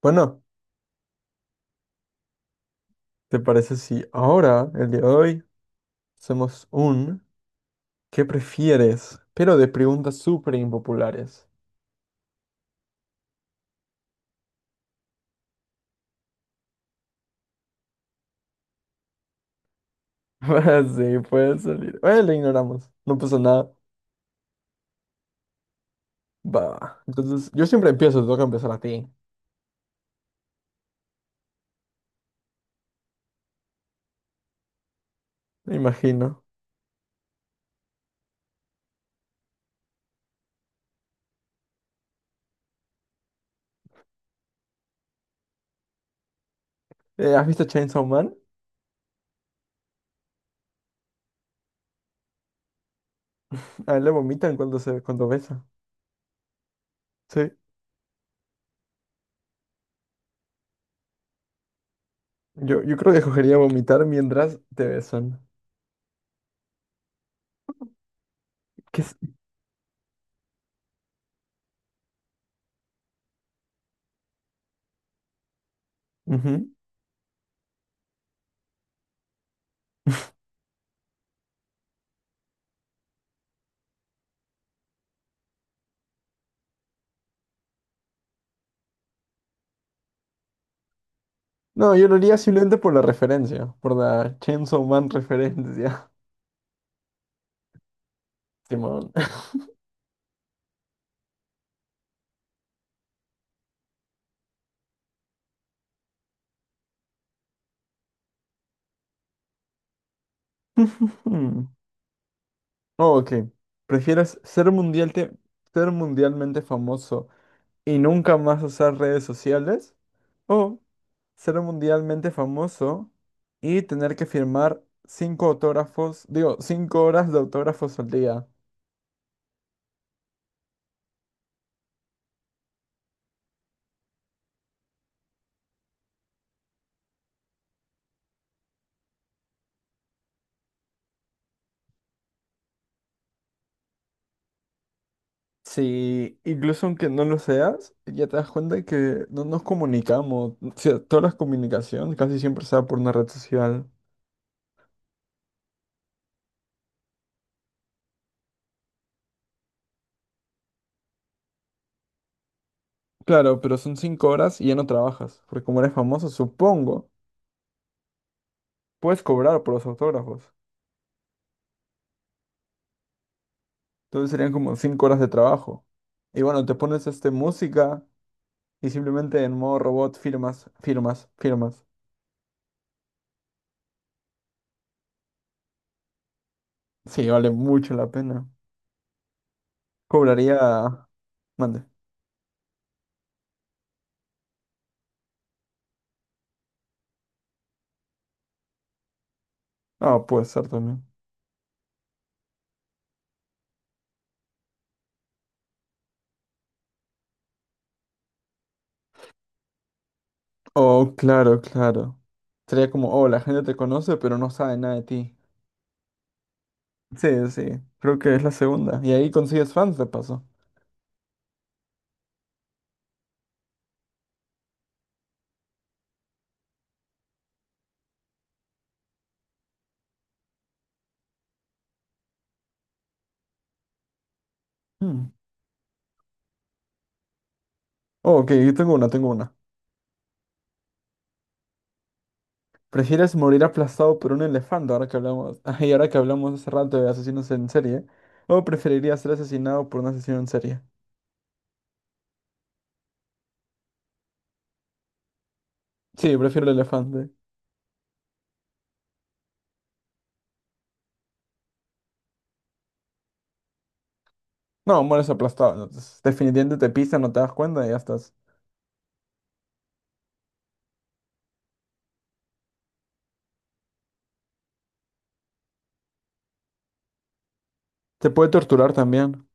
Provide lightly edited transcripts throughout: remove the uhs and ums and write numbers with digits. Bueno, ¿te parece si ahora, el día de hoy, hacemos un ¿qué prefieres? Pero de preguntas súper impopulares. Sí, puede salir. Bueno, le ignoramos. No pasa nada. Va. Entonces, yo siempre empiezo, te toca empezar a ti. Me imagino. ¿Has visto Chainsaw Man? A él le vomitan cuando besa. Sí. Yo creo que escogería vomitar mientras te besan. ¿Qué es? Ujú. No, yo lo haría simplemente por la referencia, por la Chainsaw Man referencia. Simón. Ujujú. Oh, Ok. ¿Prefieres ser ser mundialmente famoso y nunca más usar redes sociales? ¿O ser mundialmente famoso y tener que firmar cinco autógrafos, digo, 5 horas de autógrafos al día? Sí, incluso aunque no lo seas, ya te das cuenta que no nos comunicamos. O sea, toda la comunicación casi siempre se da por una red social. Claro, pero son 5 horas y ya no trabajas, porque como eres famoso, supongo, puedes cobrar por los autógrafos. Entonces serían como 5 horas de trabajo. Y bueno, te pones música y simplemente en modo robot firmas, firmas, firmas. Sí, vale mucho la pena. Cobraría. Mande. Ah, puede ser también. Oh, claro, claro. Sería como, oh, la gente te conoce, pero no sabe nada de ti. Sí, sí, creo que es la segunda. Y ahí consigues fans de paso. Hmm. Oh, ok, yo tengo una. ¿Prefieres morir aplastado por un elefante y ahora que hablamos hace rato de asesinos en serie? ¿O preferirías ser asesinado por un asesino en serie? Sí, prefiero el elefante. No, mueres aplastado, ¿no? Entonces, definitivamente te pisan, no te das cuenta y ya estás. Te puede torturar también.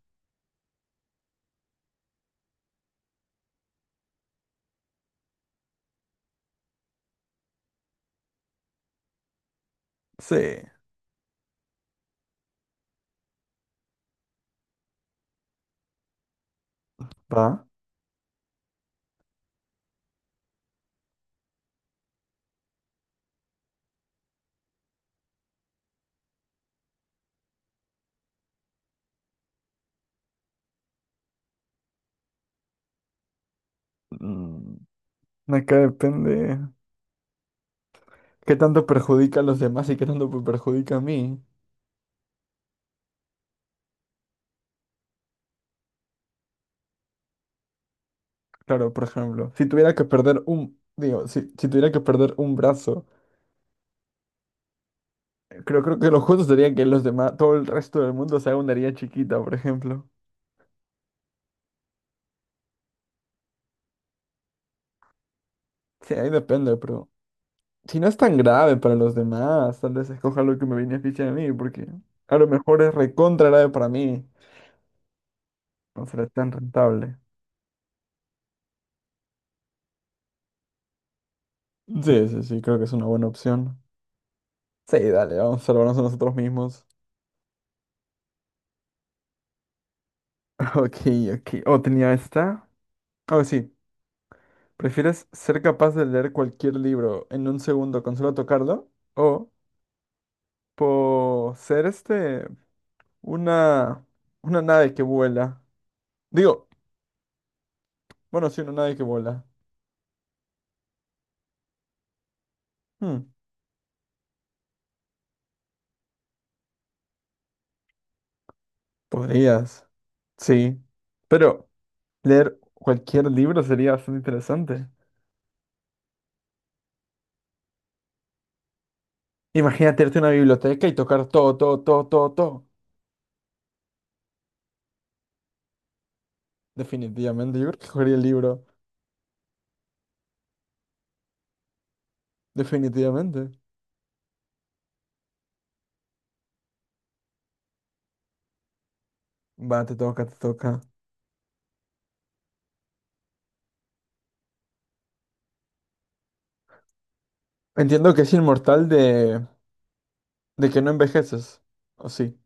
Sí. ¿Va? Mm, acá depende. ¿Qué tanto perjudica a los demás y qué tanto me perjudica a mí? Claro, por ejemplo, si tuviera que perder un, digo, si tuviera que perder un brazo. Creo que lo justo sería que los demás, todo el resto del mundo se haga una herida chiquita, por ejemplo. Sí, ahí depende, pero si no es tan grave para los demás, tal vez escoja lo que me beneficie a mí, porque a lo mejor es recontra grave para mí. No será tan rentable. Sí, sí, sí, creo que es una buena opción. Sí, dale, vamos a salvarnos a nosotros mismos. Ok, ok. Oh, tenía esta. Oh, sí. ¿Prefieres ser capaz de leer cualquier libro en un segundo con solo tocarlo? O por ser este. Una, una nave que vuela. Digo, bueno, sí, una nave que vuela. Hmm, Podrías. Sí. Pero leer cualquier libro sería bastante interesante. Imagínate irte a una biblioteca y tocar todo, todo, todo, todo, todo. Definitivamente, yo creo que cogería el libro. Definitivamente. Va, te toca, te toca. Entiendo que es inmortal de, que no envejeces. ¿O sí?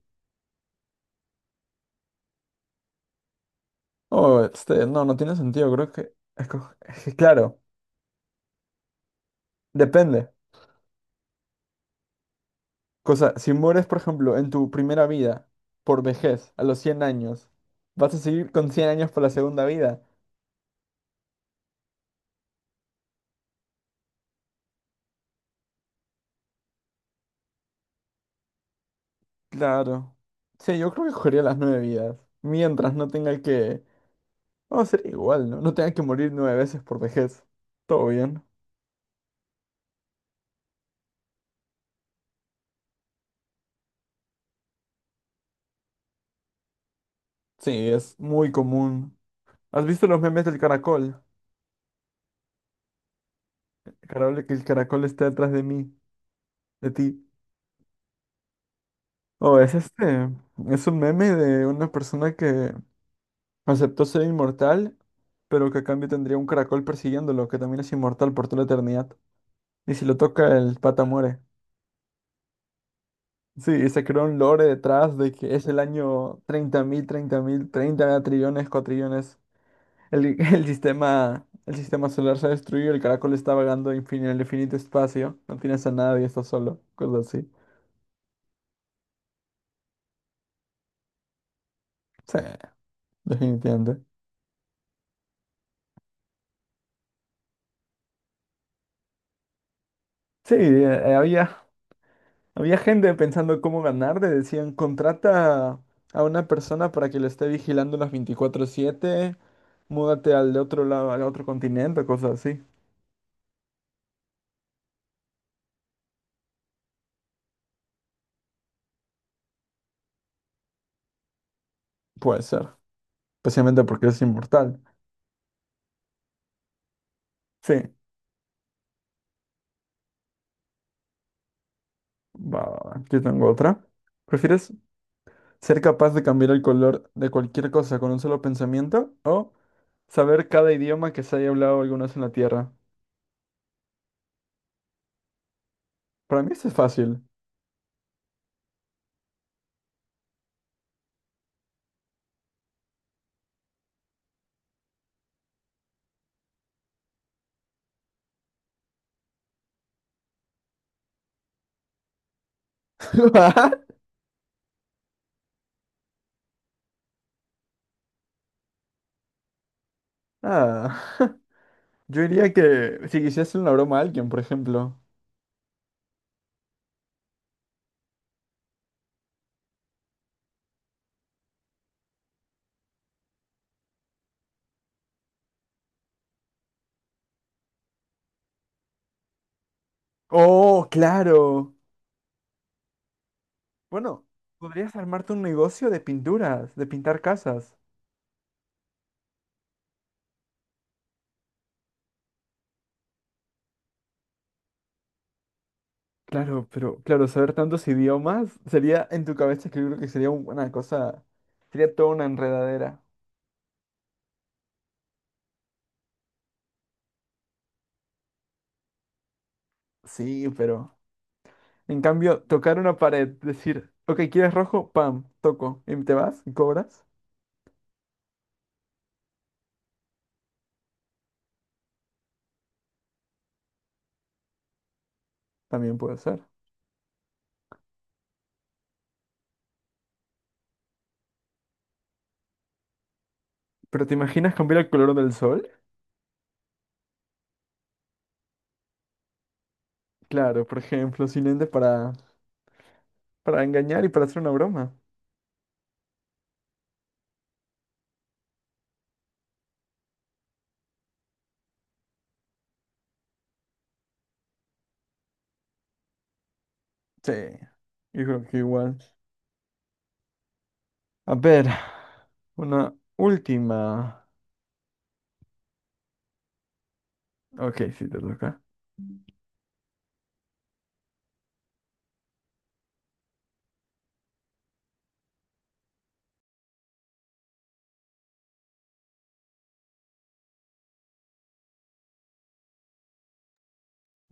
Oh, no, no tiene sentido. Creo que es que claro, depende. Cosa, si mueres, por ejemplo, en tu primera vida, por vejez, a los 100 años, ¿vas a seguir con 100 años por la segunda vida? Claro. Sí, yo creo que cogería las nueve vidas. Mientras no tenga que. Vamos a ser igual, ¿no? No tenga que morir nueve veces por vejez. Todo bien. Sí, es muy común. ¿Has visto los memes del caracol? El caracol, que el caracol está detrás de mí, de ti. Oh, es este. Es un meme de una persona que aceptó ser inmortal pero que a cambio tendría un caracol persiguiéndolo, que también es inmortal por toda la eternidad. Y si lo toca, el pata muere. Sí, y se creó un lore detrás de que es el año 30.000 30.000 30 trillones, cuatrillones. El sistema solar se ha destruido, el caracol está vagando en el infinito espacio. No tienes a nadie, estás solo, cosas así. Sí, definitivamente. Sí, eh, había, había gente pensando cómo ganar, le decían, contrata a una persona para que lo esté vigilando las 24/7. Múdate al de otro lado, al otro continente, cosas así. Puede ser. Especialmente porque es inmortal. Sí, va, va, va. Yo tengo otra. ¿Prefieres ser capaz de cambiar el color de cualquier cosa con un solo pensamiento o saber cada idioma que se haya hablado alguna vez en la Tierra? Para mí eso es fácil. Ah, yo diría que si quisieras hacer una broma a alguien, por ejemplo. Oh, claro. Bueno, podrías armarte un negocio de pinturas, de pintar casas. Claro, pero claro, saber tantos idiomas sería en tu cabeza que yo creo que sería una cosa, sería toda una enredadera. Sí, pero en cambio, tocar una pared, decir, ok, ¿quieres rojo? Pam, toco. ¿Y te vas? ¿Y cobras? También puede ser. ¿Pero te imaginas cambiar el color del sol? Claro, por ejemplo, sin ende para, engañar y para hacer una broma. Sí, yo creo que igual. A ver, una última. Ok, sí, te toca.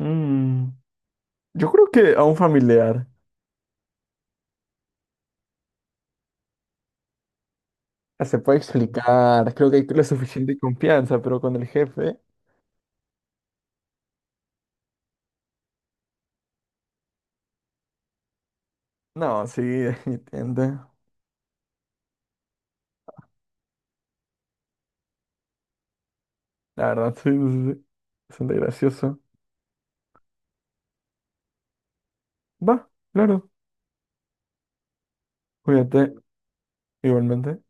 Mm, yo creo que a un familiar. Se puede explicar, creo que hay la suficiente confianza, pero con el jefe, no, sí, entiende. La verdad, sí, sí, sí. Bastante gracioso. Va, claro, cuídate igualmente.